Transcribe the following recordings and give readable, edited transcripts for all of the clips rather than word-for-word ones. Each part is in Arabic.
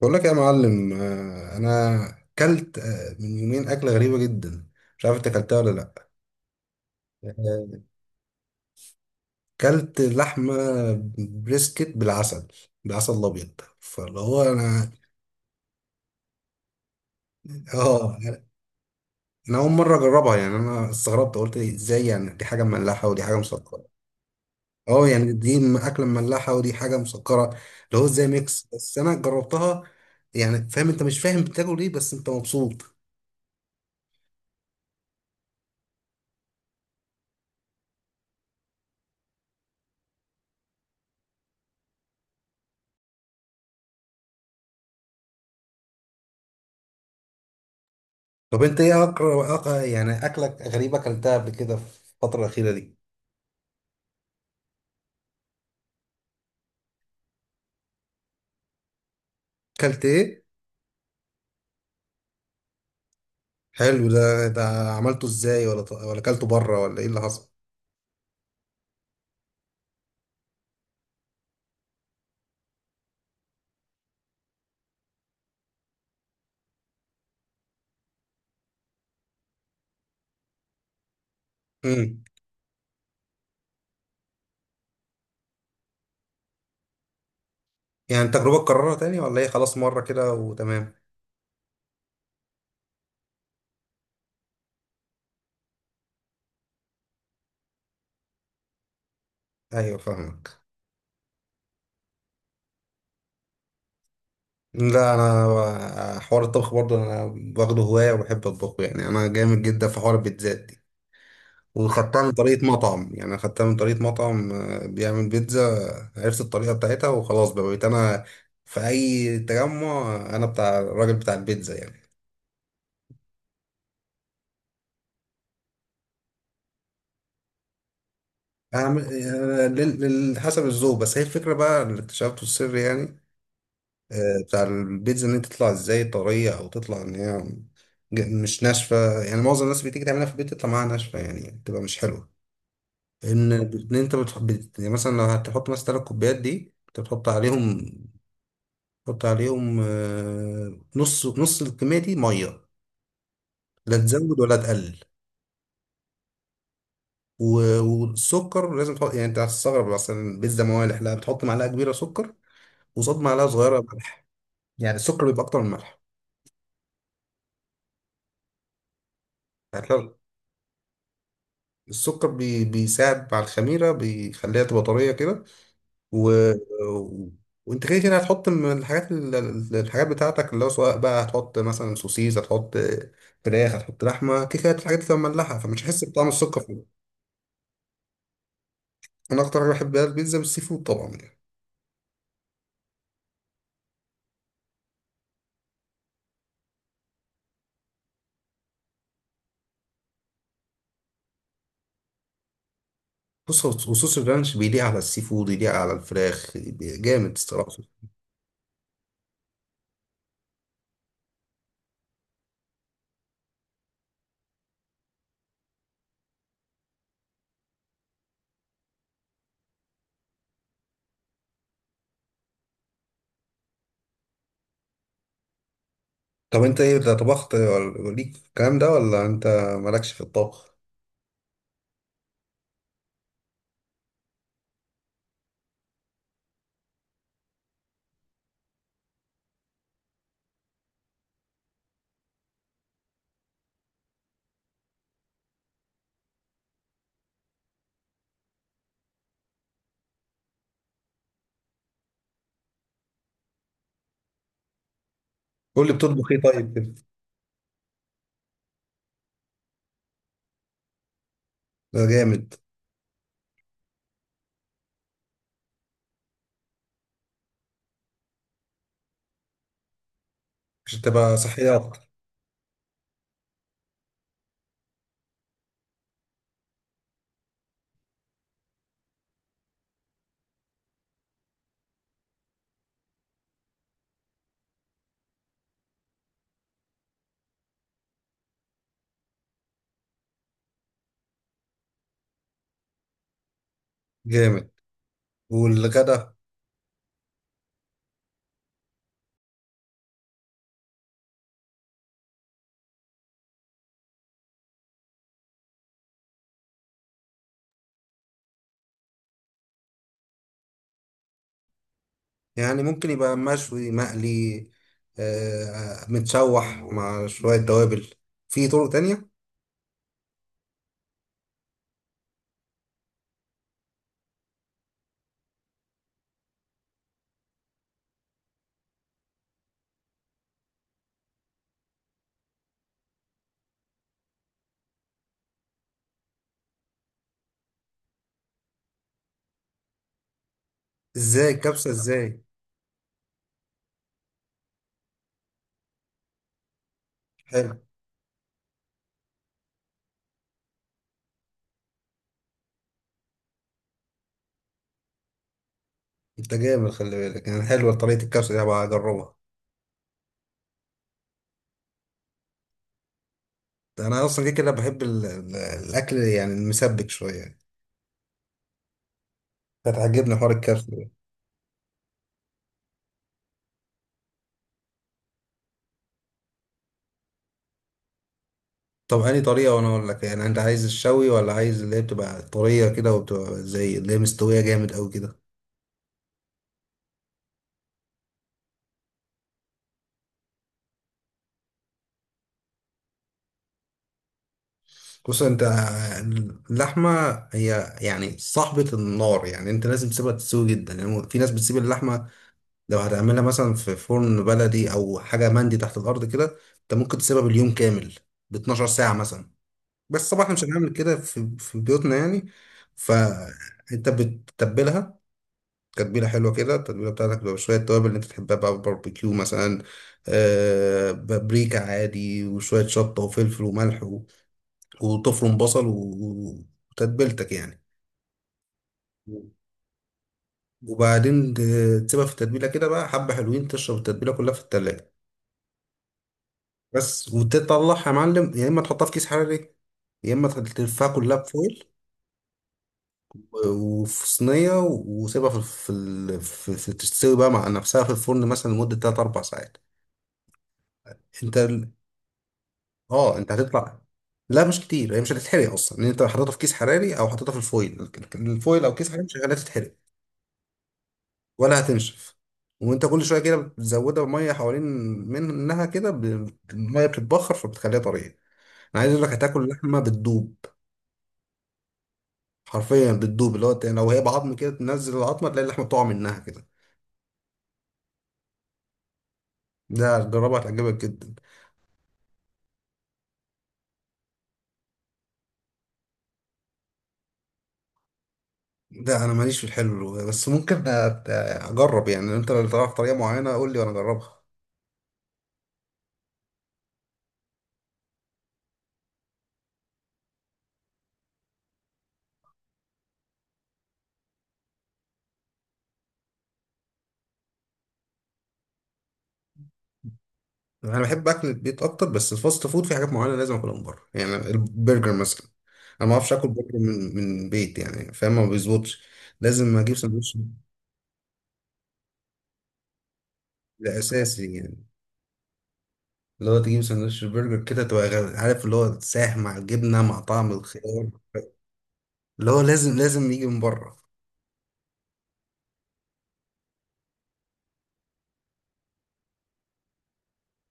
بقول لك يا معلم، انا كلت من يومين اكله غريبه جدا. مش عارف انت اكلتها ولا لا. آه، كلت لحمه بريسكت بالعسل، بالعسل الابيض، فاللي هو اه انا اول مره اجربها. يعني انا استغربت، قلت إيه، ازاي؟ يعني دي حاجه مملحه ودي حاجه مسكره. اه، يعني اكله مملحه ودي حاجه مسكره، اللي هو ازاي ميكس؟ بس انا جربتها. يعني فاهم، انت مش فاهم بتاكل ايه بس انت مبسوط. طب انت ايه؟ أقرأ يعني اكلك غريبه، اكلتها قبل كده في الفتره الاخيره دي؟ اكلت ايه؟ حلو. ده عملته ازاي، ولا اكلته بره، ولا ايه اللي حصل؟ امم يعني تجربه تكررها تاني، ولا ايه، خلاص مره كده وتمام؟ ايوه فاهمك. لا، انا حوار الطبخ برضه، انا واخده هوايه وبحب اطبخه. يعني انا جامد جدا في حوار البيتزات. وخدتها من طريقة مطعم، يعني أنا خدتها من طريقة مطعم بيعمل بيتزا. عرفت الطريقة بتاعتها وخلاص، بقى بقيت أنا في أي تجمع أنا بتاع الراجل بتاع البيتزا يعني. أعمل حسب الذوق. بس هي الفكرة بقى اللي اكتشفته السر يعني. بتاع البيتزا، إن أنت تطلع إزاي طرية أو تطلع إن هي مش ناشفة. يعني معظم الناس بتيجي تعملها في البيت تطلع معاها ناشفة، يعني بتبقى مش حلوة. إن أنت يعني مثلا لو هتحط مثلا 3 كوبايات، دي أنت بتحط عليهم. حط عليهم نص نص الكمية دي 100، لا تزود ولا تقلل. و- والسكر لازم تحط. يعني انت هتستغرب، مثلا البيتزا موالح؟ لا، بتحط معلقة كبيرة سكر، وقصاد معلقة صغيرة ملح. يعني السكر بيبقى أكتر من الملح. هتلاقي السكر بيساعد على الخميرة، بيخليها تبقى طرية كده. و... و... وانت كده كده هتحط من الحاجات الحاجات بتاعتك، اللي هو سواء بقى هتحط مثلا سوسيس، هتحط فراخ، هتحط لحمة. كده كده الحاجات دي تبقى مملحة فمش هتحس بطعم السكر. انا اكتر حاجه بحبها البيتزا بالسي فود طبعا يعني. بص، هو وصوص الرانش بيليق على السي فود، يليق على الفراخ. جامد الصراحه. طب انت ايه ده، طبخت ليك في الكلام ده ولا انت مالكش في الطبخ؟ قول لي بتطبخ ايه طيب كده. ده جامد. عشان تبقى صحيه اكتر. جامد. والغدا؟ يعني ممكن يبقى مشوي، مقلي، متشوح مع شويه توابل. في طرق تانية. ازاي الكبسه، ازاي؟ حلو. انت جامد، خلي بالك. يعني حلوه طريقه الكبسه دي، هبقى اجربها. انا اصلا كده كده بحب الاكل، يعني المسبك شويه. هتعجبني حوار الكرف ده. طب انهي طريقه وانا اقول لك؟ يعني انت عايز الشوي، ولا عايز اللي هي بتبقى طريه كده وبتبقى زي اللي هي مستويه جامد قوي كده؟ بص انت، اللحمه هي يعني صاحبه النار. يعني انت لازم تسيبها تستوي جدا. يعني في ناس بتسيب اللحمه، لو هتعملها مثلا في فرن بلدي او حاجه مندي تحت الارض كده، انت ممكن تسيبها باليوم كامل، ب 12 ساعه مثلا. بس طبعا احنا مش هنعمل كده في بيوتنا يعني. فانت بتتبلها تتبيله حلوه كده. التتبيله بتاعتك بتبقى شويه توابل اللي انت تحبها، بقى باربيكيو مثلا، بابريكا عادي، وشويه شطه وفلفل وملح، و- وتفرم بصل، و- وتتبيلتك يعني. وبعدين تسيبها في التتبيله كده بقى حبه حلوين، تشرب التتبيله كلها في التلاجه. بس. وتطلعها يا معلم، يا اما تحطها في كيس حراري، يا اما تلفها كلها بفويل وفي صينية، وسيبها في في ال- في في تستوي بقى مع نفسها في الفرن مثلا لمدة 3 4 ساعات. انت ال- اه انت هتطلع. لا مش كتير، هي مش هتتحرق اصلا، لان انت حاططها في كيس حراري او حاططها في الفويل الفويل او كيس حراري، مش هتخليها تتحرق ولا هتنشف. وانت كل شويه كده بتزودها بميه حوالين منها كده، الميه بتتبخر فبتخليها طريه. انا عايز اقول لك، هتاكل لحمه بتدوب. حرفيا بتدوب، اللي هو لو هي بعظم كده تنزل العظمه تلاقي اللحمه بتقع منها كده. ده جربها، هتعجبك جدا. لا انا ماليش في الحلو، بس ممكن اجرب. يعني انت لو تعرف طريقه معينه قول لي وانا اجربها. انا بحب اكل البيت اكتر، بس الفاست فود في حاجات معينه لازم اكلها من بره، يعني البرجر مثلا. انا ما اعرفش اكل برجر من بيت، يعني فاهم، ما بيظبطش. لازم اجيب سندوتش، ده اساسي يعني. اللي هو تجيب سندوتش برجر كده تبقى عارف، اللي هو ساح مع الجبنه مع طعم الخيار، اللي هو لازم لازم يجي من بره.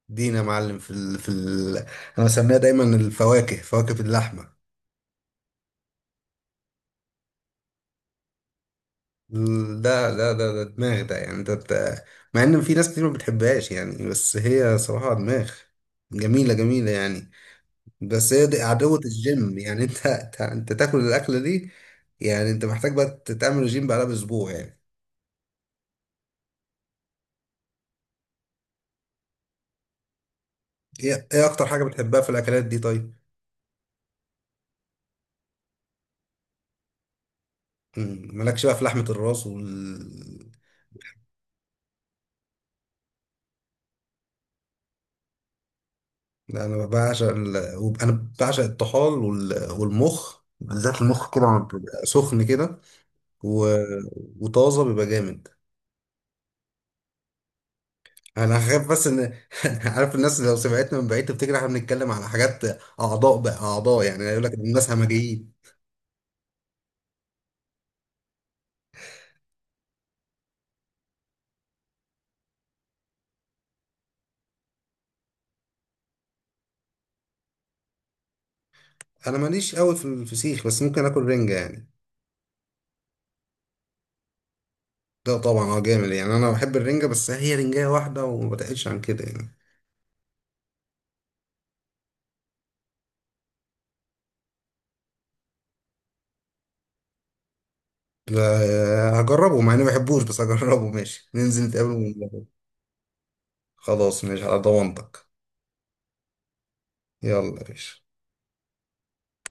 دينا يا معلم انا بسميها دايما الفواكه، فواكه اللحمه. لا، لا، ده دماغ، ده يعني ده. مع ان في ناس كتير ما بتحبهاش يعني، بس هي صراحة دماغ جميلة جميلة يعني. بس هي دي عدوة الجيم. يعني انت انت أنت تاكل الاكلة دي؟ يعني انت محتاج بقى تعمل رجيم بعدها باسبوع يعني. ايه اكتر حاجة بتحبها في الاكلات دي طيب؟ مالكش بقى في لحمة الراس وال... لا انا بعشق الطحال والمخ، بالذات المخ كده لما بيبقى سخن كده و... وطازة بيبقى جامد. انا خايف بس ان عارف، الناس لو سمعتنا من بعيد تفتكر احنا بنتكلم على حاجات، اعضاء بقى اعضاء يعني، يقول لك الناس همجيين. انا ماليش قوي في الفسيخ، بس ممكن اكل رنجه يعني. ده طبعا، جامد يعني. انا بحب الرنجه بس هي رنجه واحده وما بتقلش عن كده يعني. لا هجربه مع اني ما بحبوش، بس هجربه ماشي، ننزل نتقابل ونجربه. خلاص ماشي على ضمانتك. يلا يا باشا.